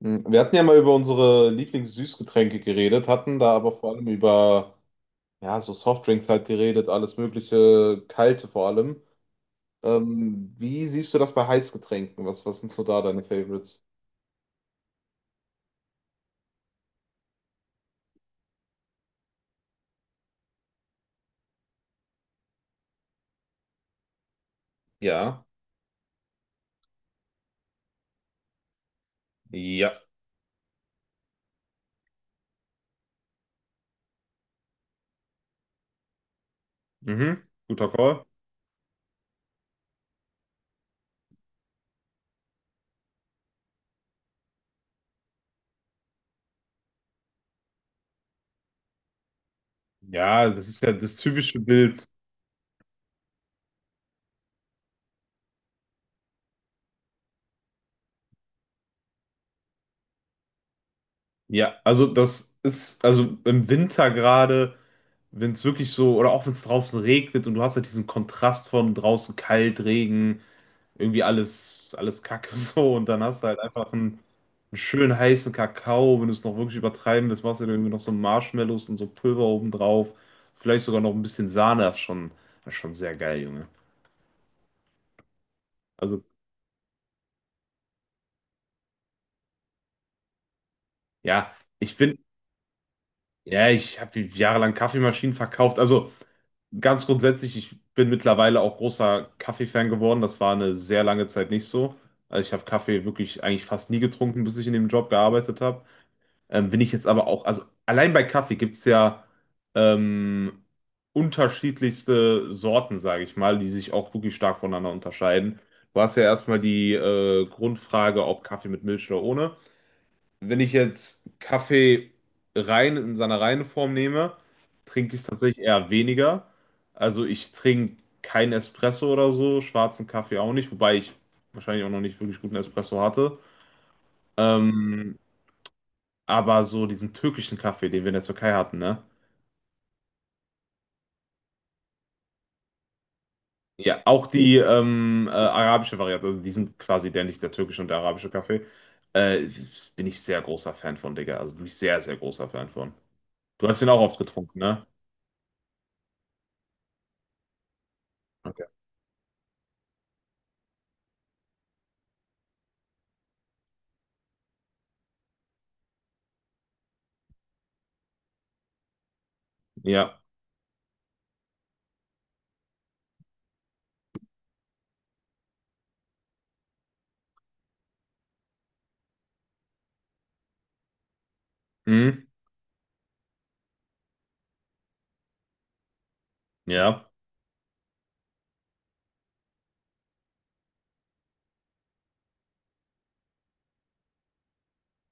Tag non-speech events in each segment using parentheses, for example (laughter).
Mhm. Wir hatten ja mal über unsere Lieblingssüßgetränke geredet, hatten da aber vor allem über ja, so Softdrinks halt geredet, alles mögliche, kalte vor allem. Wie siehst du das bei Heißgetränken? Was sind so da deine Favorites? Ja, ja, mhm, guter Call. Ja, das ist ja das typische Bild. Ja, also das ist, also im Winter gerade, wenn es wirklich so, oder auch wenn es draußen regnet und du hast halt diesen Kontrast von draußen kalt, Regen, irgendwie alles, alles Kacke (laughs) so. Und dann hast du halt einfach einen, einen schönen heißen Kakao. Wenn du es noch wirklich übertreiben willst, machst du dir irgendwie noch so Marshmallows und so Pulver obendrauf. Vielleicht sogar noch ein bisschen Sahne. Das ist schon sehr geil, Junge. Also, ja, ich bin, ja, ich habe jahrelang Kaffeemaschinen verkauft. Also, ganz grundsätzlich, ich bin mittlerweile auch großer Kaffee-Fan geworden. Das war eine sehr lange Zeit nicht so. Also, ich habe Kaffee wirklich eigentlich fast nie getrunken, bis ich in dem Job gearbeitet habe. Wenn ich jetzt aber auch, also allein bei Kaffee gibt es ja ähm, unterschiedlichste Sorten, sage ich mal, die sich auch wirklich stark voneinander unterscheiden. Du hast ja erstmal die Grundfrage, ob Kaffee mit Milch oder ohne. Wenn ich jetzt Kaffee rein in seiner reinen Form nehme, trinke ich es tatsächlich eher weniger. Also ich trinke keinen Espresso oder so, schwarzen Kaffee auch nicht, wobei ich wahrscheinlich auch noch nicht wirklich guten Espresso hatte. Ähm, aber so diesen türkischen Kaffee, den wir in der Türkei hatten, ne? Ja, auch die arabische Variante, also die sind quasi identisch, der türkische und der arabische Kaffee. Äh, Bin ich sehr großer Fan von, Digga. Also wirklich sehr, sehr großer Fan von. Du hast den auch oft getrunken, ne? Okay. Ja. Mhm. Ja.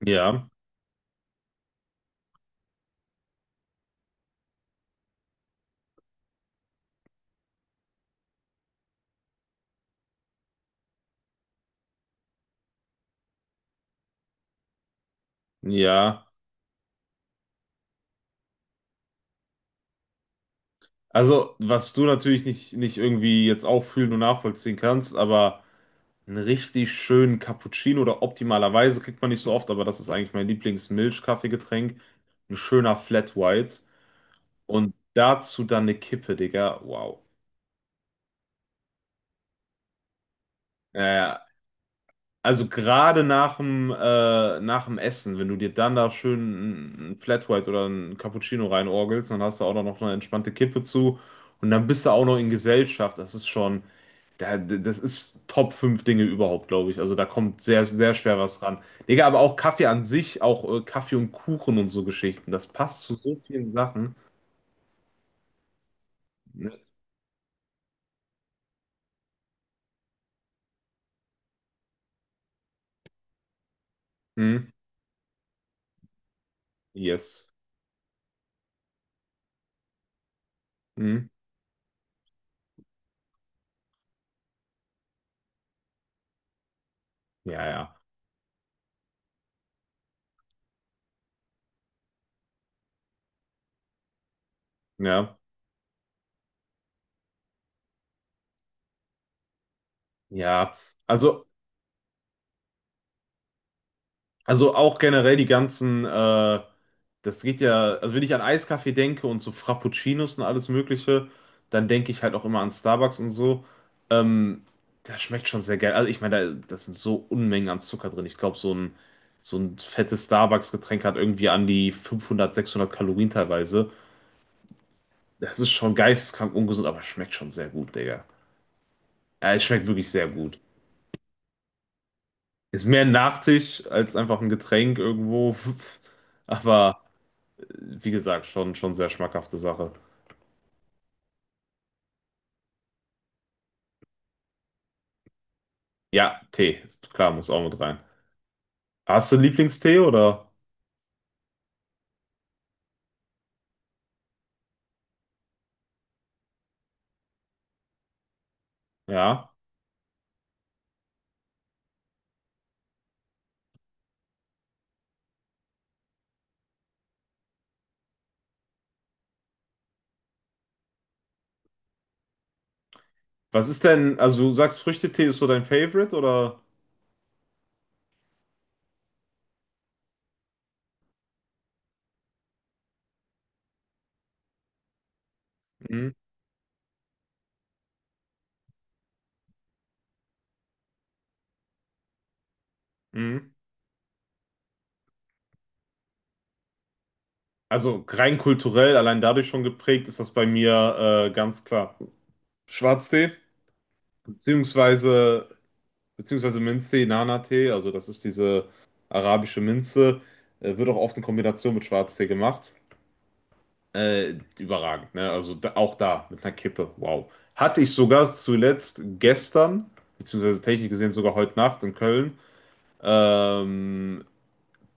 Ja. Ja. Also, was du natürlich nicht irgendwie jetzt auch fühlen und nachvollziehen kannst, aber. Einen richtig schönen Cappuccino oder optimalerweise kriegt man nicht so oft, aber das ist eigentlich mein Lieblings-Milchkaffeegetränk. Ein schöner Flat White und dazu dann eine Kippe, Digga. Wow. Äh, Also gerade nach dem Essen, wenn du dir dann da schön ein Flat White oder ein Cappuccino reinorgelst, dann hast du auch noch eine entspannte Kippe zu und dann bist du auch noch in Gesellschaft. Das ist schon, das ist Top 5 Dinge überhaupt, glaube ich. Also da kommt sehr, sehr schwer was ran. Digga, aber auch Kaffee an sich, auch Kaffee und Kuchen und so Geschichten, das passt zu so vielen Sachen. Ne? Hm, yes. Hm, ja, ja. Ja. Ja. Also. Also auch generell die ganzen, das geht ja, also wenn ich an Eiskaffee denke und so Frappuccinos und alles Mögliche, dann denke ich halt auch immer an Starbucks und so. Ähm, Das schmeckt schon sehr geil. Also ich meine, da, das sind so Unmengen an Zucker drin. Ich glaube, so ein fettes Starbucks-Getränk hat irgendwie an die 500 600 Kalorien teilweise. Das ist schon geisteskrank ungesund, aber schmeckt schon sehr gut, Digga. Ja, es schmeckt wirklich sehr gut. Ist mehr ein Nachtisch als einfach ein Getränk irgendwo. (laughs) Aber wie gesagt, schon, schon sehr schmackhafte Sache. Ja, Tee, klar, muss auch mit rein. Hast du einen Lieblingstee oder? Ja. Was ist denn, also du sagst, Früchtetee ist so dein Favorite oder? Mhm. Mhm. Also rein kulturell, allein dadurch schon geprägt, ist das bei mir ganz klar. Schwarztee, beziehungsweise, beziehungsweise Minztee, Nana-Tee, also das ist diese arabische Minze, wird auch oft in Kombination mit Schwarztee gemacht. Überragend, ne? Also da, auch da mit einer Kippe. Wow. Hatte ich sogar zuletzt gestern, beziehungsweise technisch gesehen sogar heute Nacht in Köln. Ähm,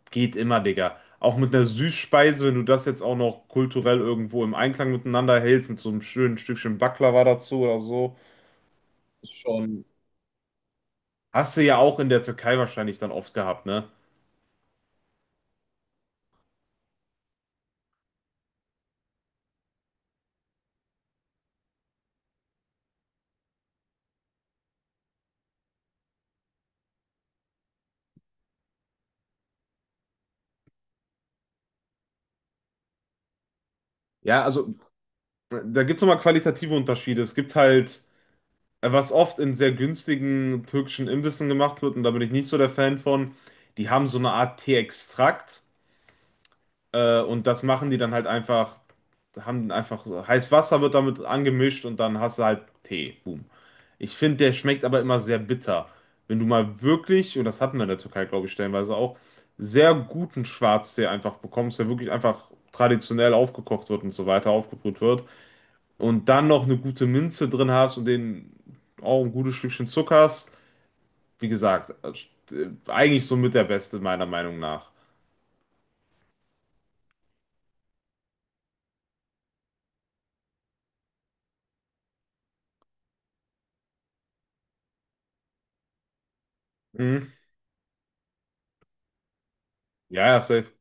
Geht immer, Digga. Auch mit einer Süßspeise, wenn du das jetzt auch noch kulturell irgendwo im Einklang miteinander hältst, mit so einem schönen Stückchen Baklava dazu oder so, ist schon. Hast du ja auch in der Türkei wahrscheinlich dann oft gehabt, ne? Ja, also da gibt es nochmal qualitative Unterschiede. Es gibt halt, was oft in sehr günstigen türkischen Imbissen gemacht wird, und da bin ich nicht so der Fan von, die haben so eine Art Teeextrakt und das machen die dann halt einfach, haben einfach so, heiß Wasser wird damit angemischt und dann hast du halt Tee. Boom. Ich finde, der schmeckt aber immer sehr bitter. Wenn du mal wirklich, und das hatten wir in der Türkei, glaube ich, stellenweise auch, sehr guten Schwarztee einfach bekommst, der wirklich einfach traditionell aufgekocht wird und so weiter, aufgebrüht wird, und dann noch eine gute Minze drin hast und den auch ein gutes Stückchen Zucker hast, wie gesagt, eigentlich somit der Beste, meiner Meinung nach. Mhm. Ja, ja, safe.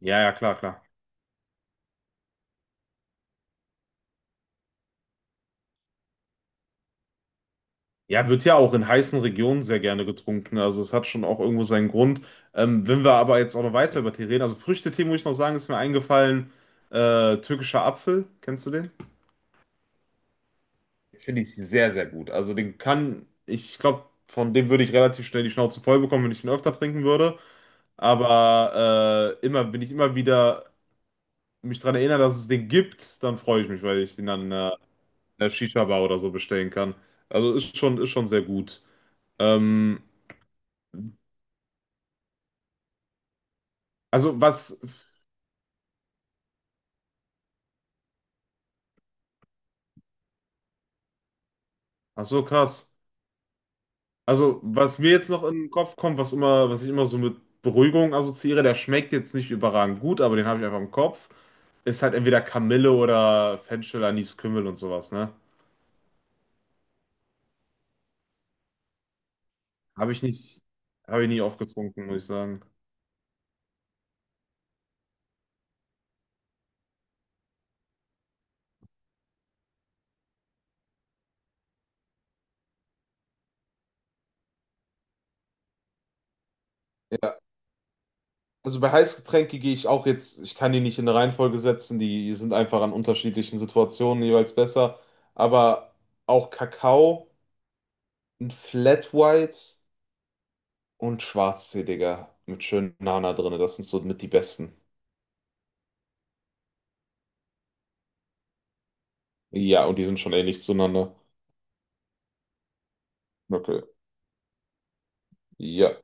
Ja, ja, klar, klar. Ja, wird ja auch in heißen Regionen sehr gerne getrunken. Also es hat schon auch irgendwo seinen Grund. Wenn wir aber jetzt auch noch weiter über Tee reden, also Früchtetee muss ich noch sagen, ist mir eingefallen. Türkischer Apfel, kennst du den? Finde ich sehr, sehr gut. Also den kann, ich glaube, von dem würde ich relativ schnell die Schnauze voll bekommen, wenn ich ihn öfter trinken würde. Aber immer, wenn ich immer wieder mich daran erinnere, dass es den gibt, dann freue ich mich, weil ich den dann in einer Shisha-Bar oder so bestellen kann. Also ist schon sehr gut. Ähm, also was, ach so krass. Also was mir jetzt noch in den Kopf kommt, was immer, was ich immer so mit Beruhigung assoziiere, der schmeckt jetzt nicht überragend gut, aber den habe ich einfach im Kopf, ist halt entweder Kamille oder Fenchel, Anis, Kümmel und sowas, ne? Habe ich nicht, habe ich nie aufgetrunken, muss ich sagen. Also bei Heißgetränke gehe ich auch jetzt, ich kann die nicht in eine Reihenfolge setzen, die sind einfach an unterschiedlichen Situationen jeweils besser. Aber auch Kakao, ein Flat White und Schwarztee, Digga, mit schön Nana drin, das sind so mit die besten. Ja, und die sind schon ähnlich zueinander. Okay. Ja.